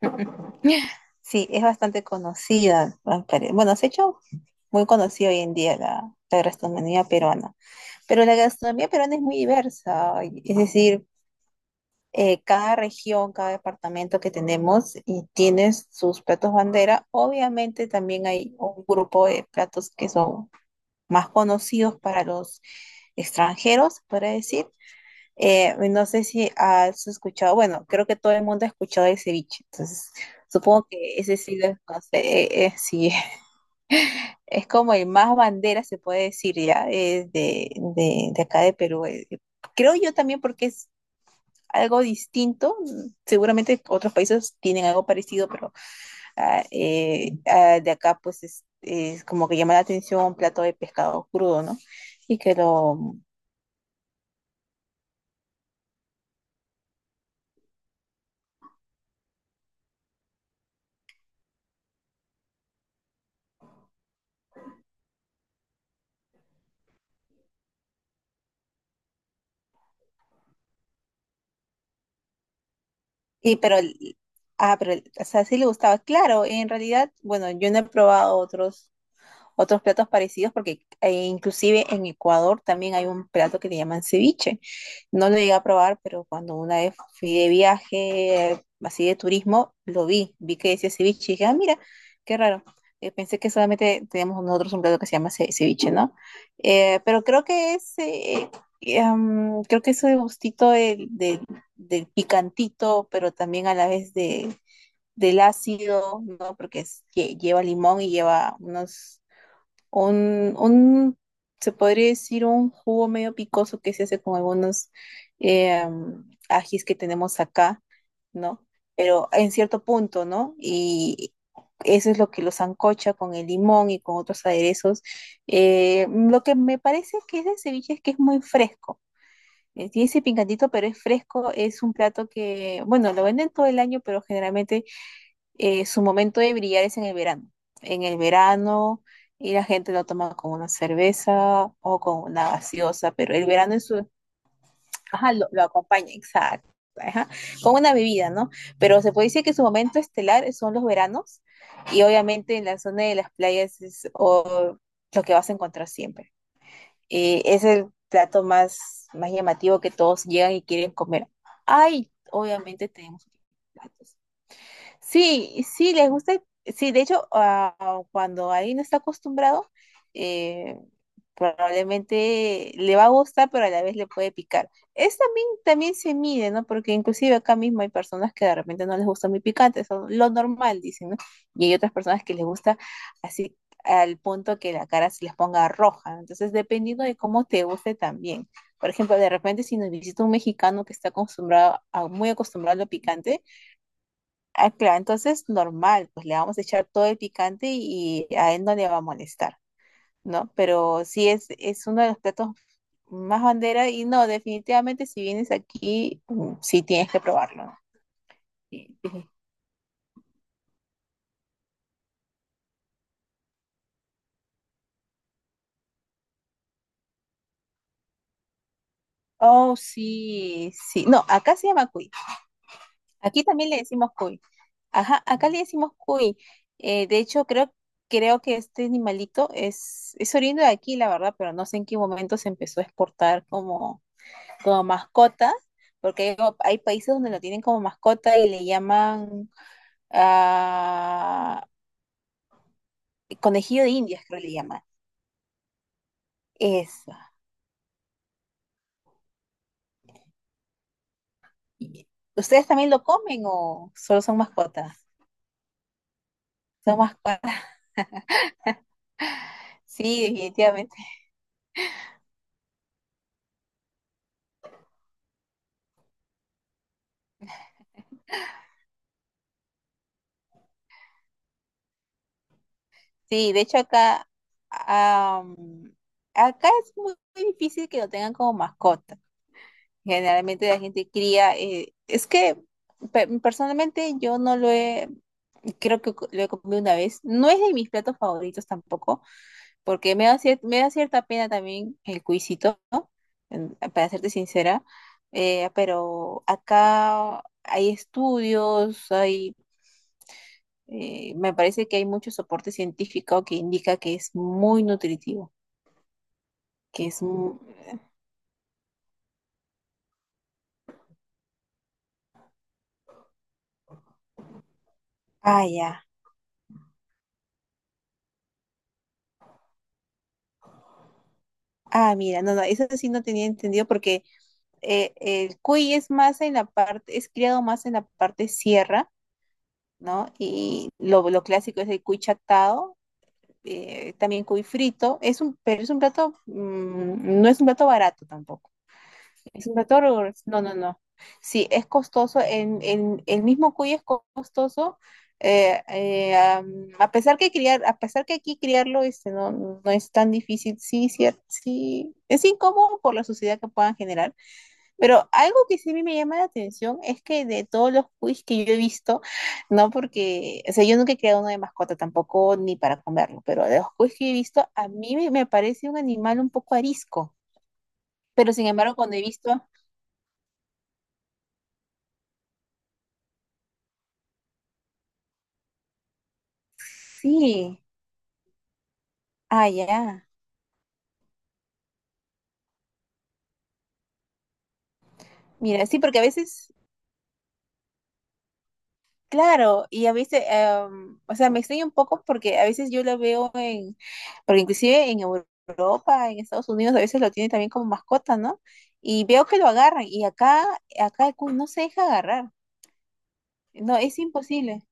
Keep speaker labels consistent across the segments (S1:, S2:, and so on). S1: Sí, es bastante conocida. Bueno, se ha hecho muy conocida hoy en día la gastronomía peruana. Pero la gastronomía peruana es muy diversa. Es decir, cada región, cada departamento que tenemos y tiene sus platos bandera. Obviamente también hay un grupo de platos que son más conocidos para los extranjeros, para decir, no sé si has escuchado, bueno, creo que todo el mundo ha escuchado el ceviche. Entonces supongo que ese sí lo conoce, sí. Es como el más bandera, se puede decir ya, es de acá de Perú. Creo yo también porque es algo distinto, seguramente otros países tienen algo parecido, pero de acá pues es como que llama la atención un plato de pescado crudo, ¿no? Y que lo, Y pero, el- O sea, sí le gustaba. Claro, en realidad, bueno, yo no he probado otros platos parecidos, porque inclusive en Ecuador también hay un plato que le llaman ceviche. No lo llegué a probar, pero cuando una vez fui de viaje, así de turismo, lo vi, vi que decía ceviche y dije, ah, mira, qué raro. Pensé que solamente teníamos nosotros un plato que se llama ceviche, ¿no? Pero creo que es, creo que ese gustito del picantito, pero también a la vez de, del ácido, ¿no? Porque lleva limón y lleva un, un, se podría decir un jugo medio picoso que se hace con algunos ajís que tenemos acá, ¿no? Pero en cierto punto, ¿no? Y eso es lo que los ancocha con el limón y con otros aderezos. Lo que me parece que es de ceviche es que es muy fresco. Tiene ese picantito, pero es fresco. Es un plato que, bueno, lo venden todo el año, pero generalmente su momento de brillar es en el verano. En el verano, y la gente lo toma con una cerveza o con una gaseosa, pero el verano es su, ajá, lo acompaña, exacto, ajá, con una bebida, ¿no? Pero se puede decir que su momento estelar son los veranos, y obviamente en la zona de las playas es lo que vas a encontrar siempre. Es el plato más, más llamativo que todos llegan y quieren comer. Ay, obviamente tenemos platos. Sí, sí, les gusta. Sí, de hecho, cuando alguien no está acostumbrado, eh, probablemente le va a gustar, pero a la vez le puede picar. Es también, también se mide, ¿no? Porque inclusive acá mismo hay personas que de repente no les gusta muy picante, son lo normal, dicen, ¿no? Y hay otras personas que les gusta así al punto que la cara se les ponga roja, ¿no? Entonces, dependiendo de cómo te guste también. Por ejemplo, de repente si nos visita un mexicano que está muy acostumbrado a lo picante, ah, claro, entonces normal, pues le vamos a echar todo el picante y a él no le va a molestar, ¿no? Pero sí es uno de los platos más bandera y no, definitivamente si vienes aquí, sí tienes que probarlo, ¿no? Sí. Oh, sí, sí. No, acá se llama cuy. Aquí también le decimos cuy. Ajá, acá le decimos cuy. De hecho, creo que este animalito es oriundo de aquí, la verdad, pero no sé en qué momento se empezó a exportar como mascota, porque hay, como- hay países donde lo tienen como mascota y le llaman ah, conejillo de indias, creo que le llaman. Eso. Y- ¿Ustedes también lo comen o solo son mascotas? Son mascotas. Sí, definitivamente. Sí, de hecho acá, am, acá es muy, muy difícil que lo tengan como mascota. Generalmente la gente cría, es que personalmente yo no lo he, creo que lo he comido una vez. No es de mis platos favoritos tampoco, porque me da cierta pena también el cuisito, ¿no? En- Para serte sincera, pero acá hay estudios, me parece que hay mucho soporte científico que indica que es muy nutritivo, que es, mu- ah, ya, mira, no, no, eso sí no tenía entendido porque... el cuy es criado más en la parte sierra, ¿no? Y lo clásico es el cuy chatado, también cuy frito. Es un plato, no es un plato barato tampoco. Es un plato, rigor- No, no, no, sí, es costoso. El mismo cuy es costoso, a pesar que aquí criarlo, este, no, no es tan difícil. Sí, sí, es incómodo por la suciedad que puedan generar, pero algo que sí a mí me llama la atención es que de todos los quiz que yo he visto, no porque, o sea, yo nunca he creado uno de mascota tampoco, ni para comerlo, pero de los quiz que he visto, a mí me, me parece un animal un poco arisco. Pero sin embargo, cuando he visto, sí, ya. Mira, sí, porque a veces claro. Y a veces, o sea, me extraña un poco porque a veces yo la veo en, porque inclusive en Europa, en Estados Unidos, a veces lo tienen también como mascota, ¿no? Y veo que lo agarran y acá, acá el cuy no se deja agarrar, no, es imposible.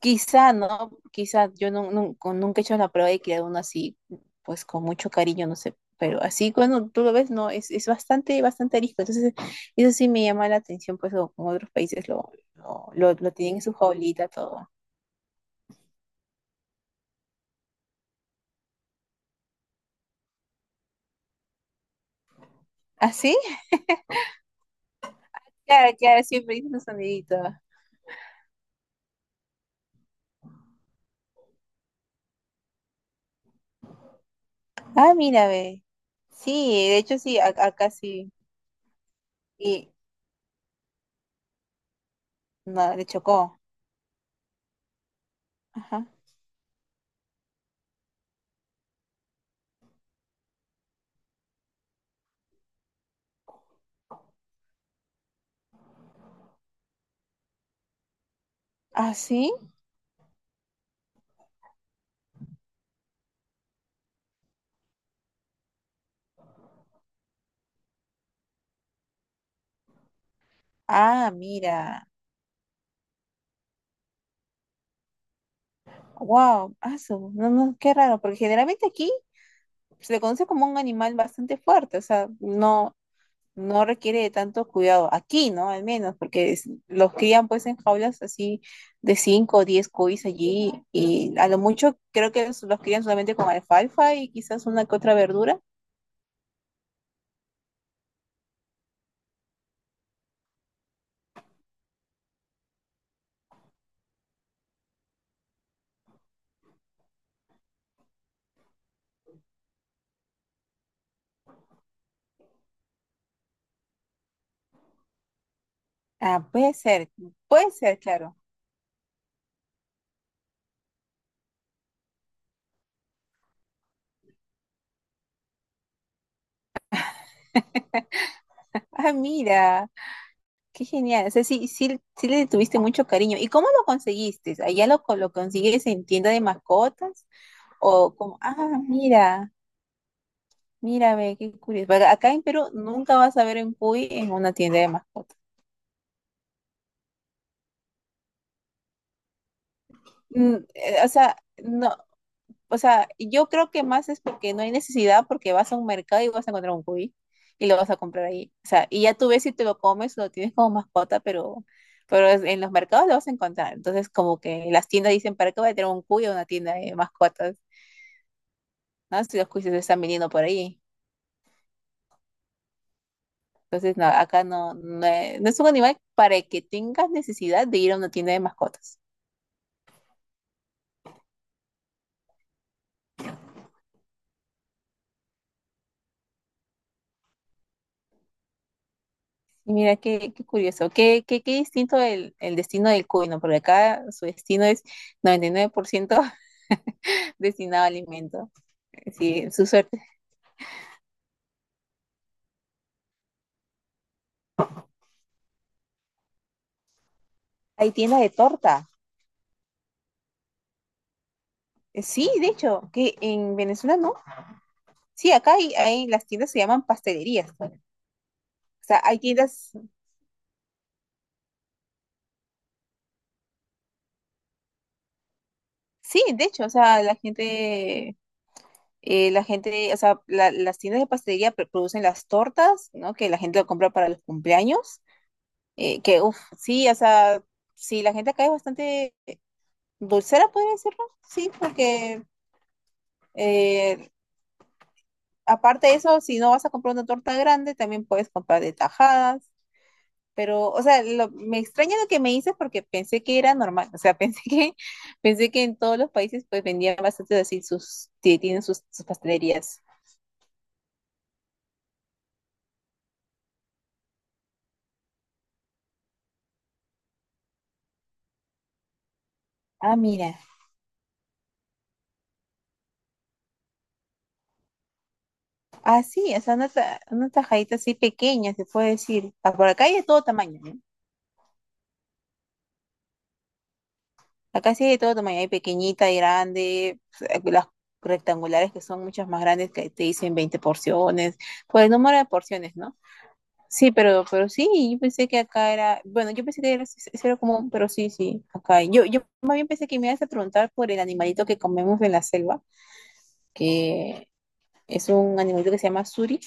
S1: Quizá, ¿no? Quizá yo nunca he hecho la prueba de criar uno así, pues con mucho cariño, no sé, pero así cuando tú lo ves, no, es bastante, bastante arisco. Entonces, eso sí me llama la atención, pues como otros países lo tienen en su jaulita, todo. ¿Así? Claro, claro, siempre hizo su sonidito. Ah, mira, ve. Sí, de hecho sí, acá sí. Y no, le chocó. Ajá. ¿Ah, sí? Ah, mira. Wow, aso. No, no, qué raro, porque generalmente aquí se le conoce como un animal bastante fuerte, o sea, no, no requiere de tanto cuidado. Aquí, ¿no? Al menos, porque los crían pues en jaulas así de 5, o 10 cuis allí y a lo mucho creo que los crían solamente con alfalfa y quizás una que otra verdura. Ah, puede ser, claro. Ah, mira, qué genial. O sea, sí, sí, sí le tuviste mucho cariño. ¿Y cómo lo conseguiste? ¿Allá lo, lo consigues en tienda de mascotas? O como, ah, mira, mira, ve, qué curioso. Porque acá en Perú nunca vas a ver un Puy en una tienda de mascotas. O sea, no, o sea, yo creo que más es porque no hay necesidad, porque vas a un mercado y vas a encontrar un cuy y lo vas a comprar ahí. O sea, y ya tú ves si te lo comes, lo tienes como mascota, pero en los mercados lo vas a encontrar. Entonces, como que las tiendas dicen, ¿para qué voy a tener un cuy o una tienda de mascotas? ¿No? Si los cuyes se están vendiendo por ahí. Entonces, no, acá no, no, es, no es un animal para el que tengas necesidad de ir a una tienda de mascotas. Y mira, qué, qué curioso, qué, qué, qué distinto el destino del cuy, ¿no? Porque acá su destino es 99% destinado a alimento. Sí, su suerte. Hay tienda de torta. Sí, de hecho, que en Venezuela no. Sí, acá hay, las tiendas se llaman pastelerías. O sea, hay tiendas. Sí, de hecho, o sea, la gente, o sea, las tiendas de pastelería producen las tortas, ¿no? Que la gente lo compra para los cumpleaños. Que, uff, sí, o sea, sí, la gente acá es bastante dulcera, podría decirlo. Sí, porque eh, aparte de eso, si no vas a comprar una torta grande, también puedes comprar de tajadas. Pero, o sea, me extraña lo que me dices porque pensé que era normal. O sea, pensé que en todos los países pues vendían bastante así tienen sus pastelerías. Ah, mira. Ah, sí, o sea, una, una tajadita así pequeña, se puede decir. Ah, por acá hay de todo tamaño, ¿no? Acá sí hay de todo tamaño. Hay pequeñita, hay grande, pues, las rectangulares que son muchas más grandes que te dicen 20 porciones, por el número de porciones, ¿no? Sí, pero sí, yo pensé que acá era, bueno, yo pensé que era, sí, sí, sí era común, pero sí, sí, acá hay. Yo más bien pensé que me ibas a preguntar por el animalito que comemos en la selva, que es un animalito que se llama suri.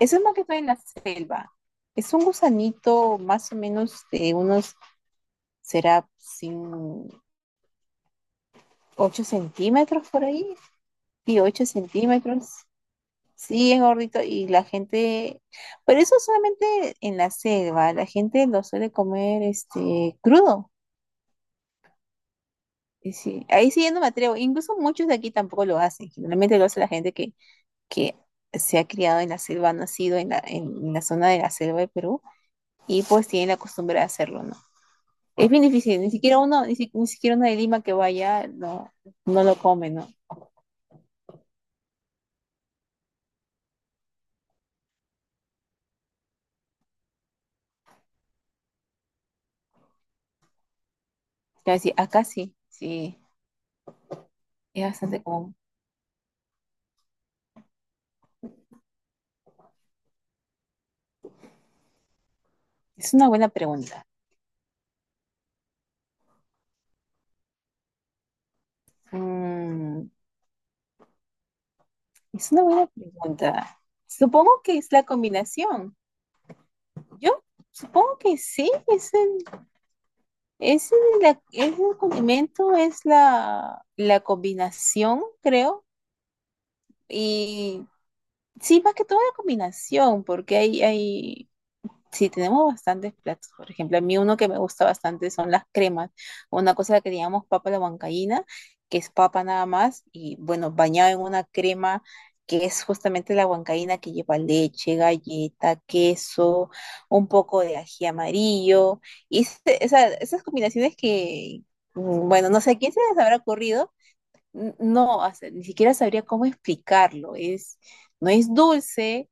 S1: Eso es más que todo en la selva. Es un gusanito más o menos de unos, será sin 8 centímetros por ahí, sí, 8 centímetros. Sí, es gordito y la gente, pero eso solamente en la selva, la gente lo suele comer este crudo. Y sí, ahí sí yo no me atrevo. Incluso muchos de aquí tampoco lo hacen. Generalmente lo hace la gente que, que se ha criado en la selva, ha nacido en la, zona de la selva de Perú y pues tiene la costumbre de hacerlo, ¿no? Es bien difícil, ni siquiera uno, ni siquiera uno de Lima que vaya no, no lo come, ¿no? Ya decir, acá sí, sí, es bastante común. Es una buena pregunta. Mm, es una buena pregunta. Supongo que es la combinación. Yo supongo que sí, Es es el condimento, es la, la combinación, creo. Y sí, más que todo la combinación, porque hay sí, tenemos bastantes platos. Por ejemplo, a mí uno que me gusta bastante son las cremas. Una cosa la que llamamos papa a la huancaína, que es papa nada más, y bueno, bañada en una crema que es justamente la huancaína que lleva leche, galleta, queso, un poco de ají amarillo. Y esas combinaciones que, mm, bueno, no sé a quién se les habrá ocurrido. No, o sea, ni siquiera sabría cómo explicarlo. Es, no es dulce,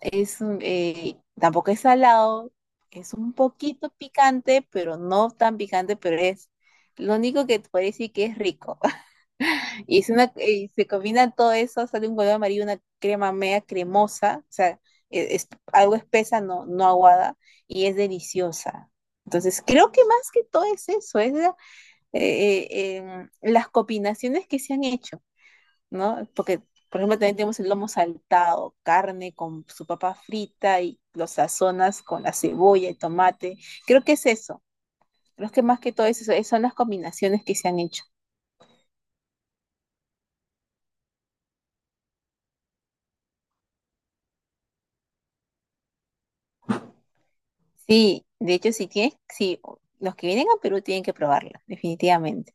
S1: tampoco es salado, es un poquito picante, pero no tan picante, pero es lo único que te puede decir que es rico. Y es una, y se combina todo eso, sale un color amarillo, una crema media cremosa, o sea, es, algo espesa, no, no aguada, y es deliciosa. Entonces, creo que más que todo es eso, es eh, las combinaciones que se han hecho, ¿no? Porque, por ejemplo, también tenemos el lomo saltado, carne con su papa frita y los sazonas con la cebolla y tomate. Creo que es eso. Creo que más que todo es eso, son las combinaciones que se han hecho. Sí, de hecho, si tienes, si los que vienen a Perú tienen que probarla, definitivamente.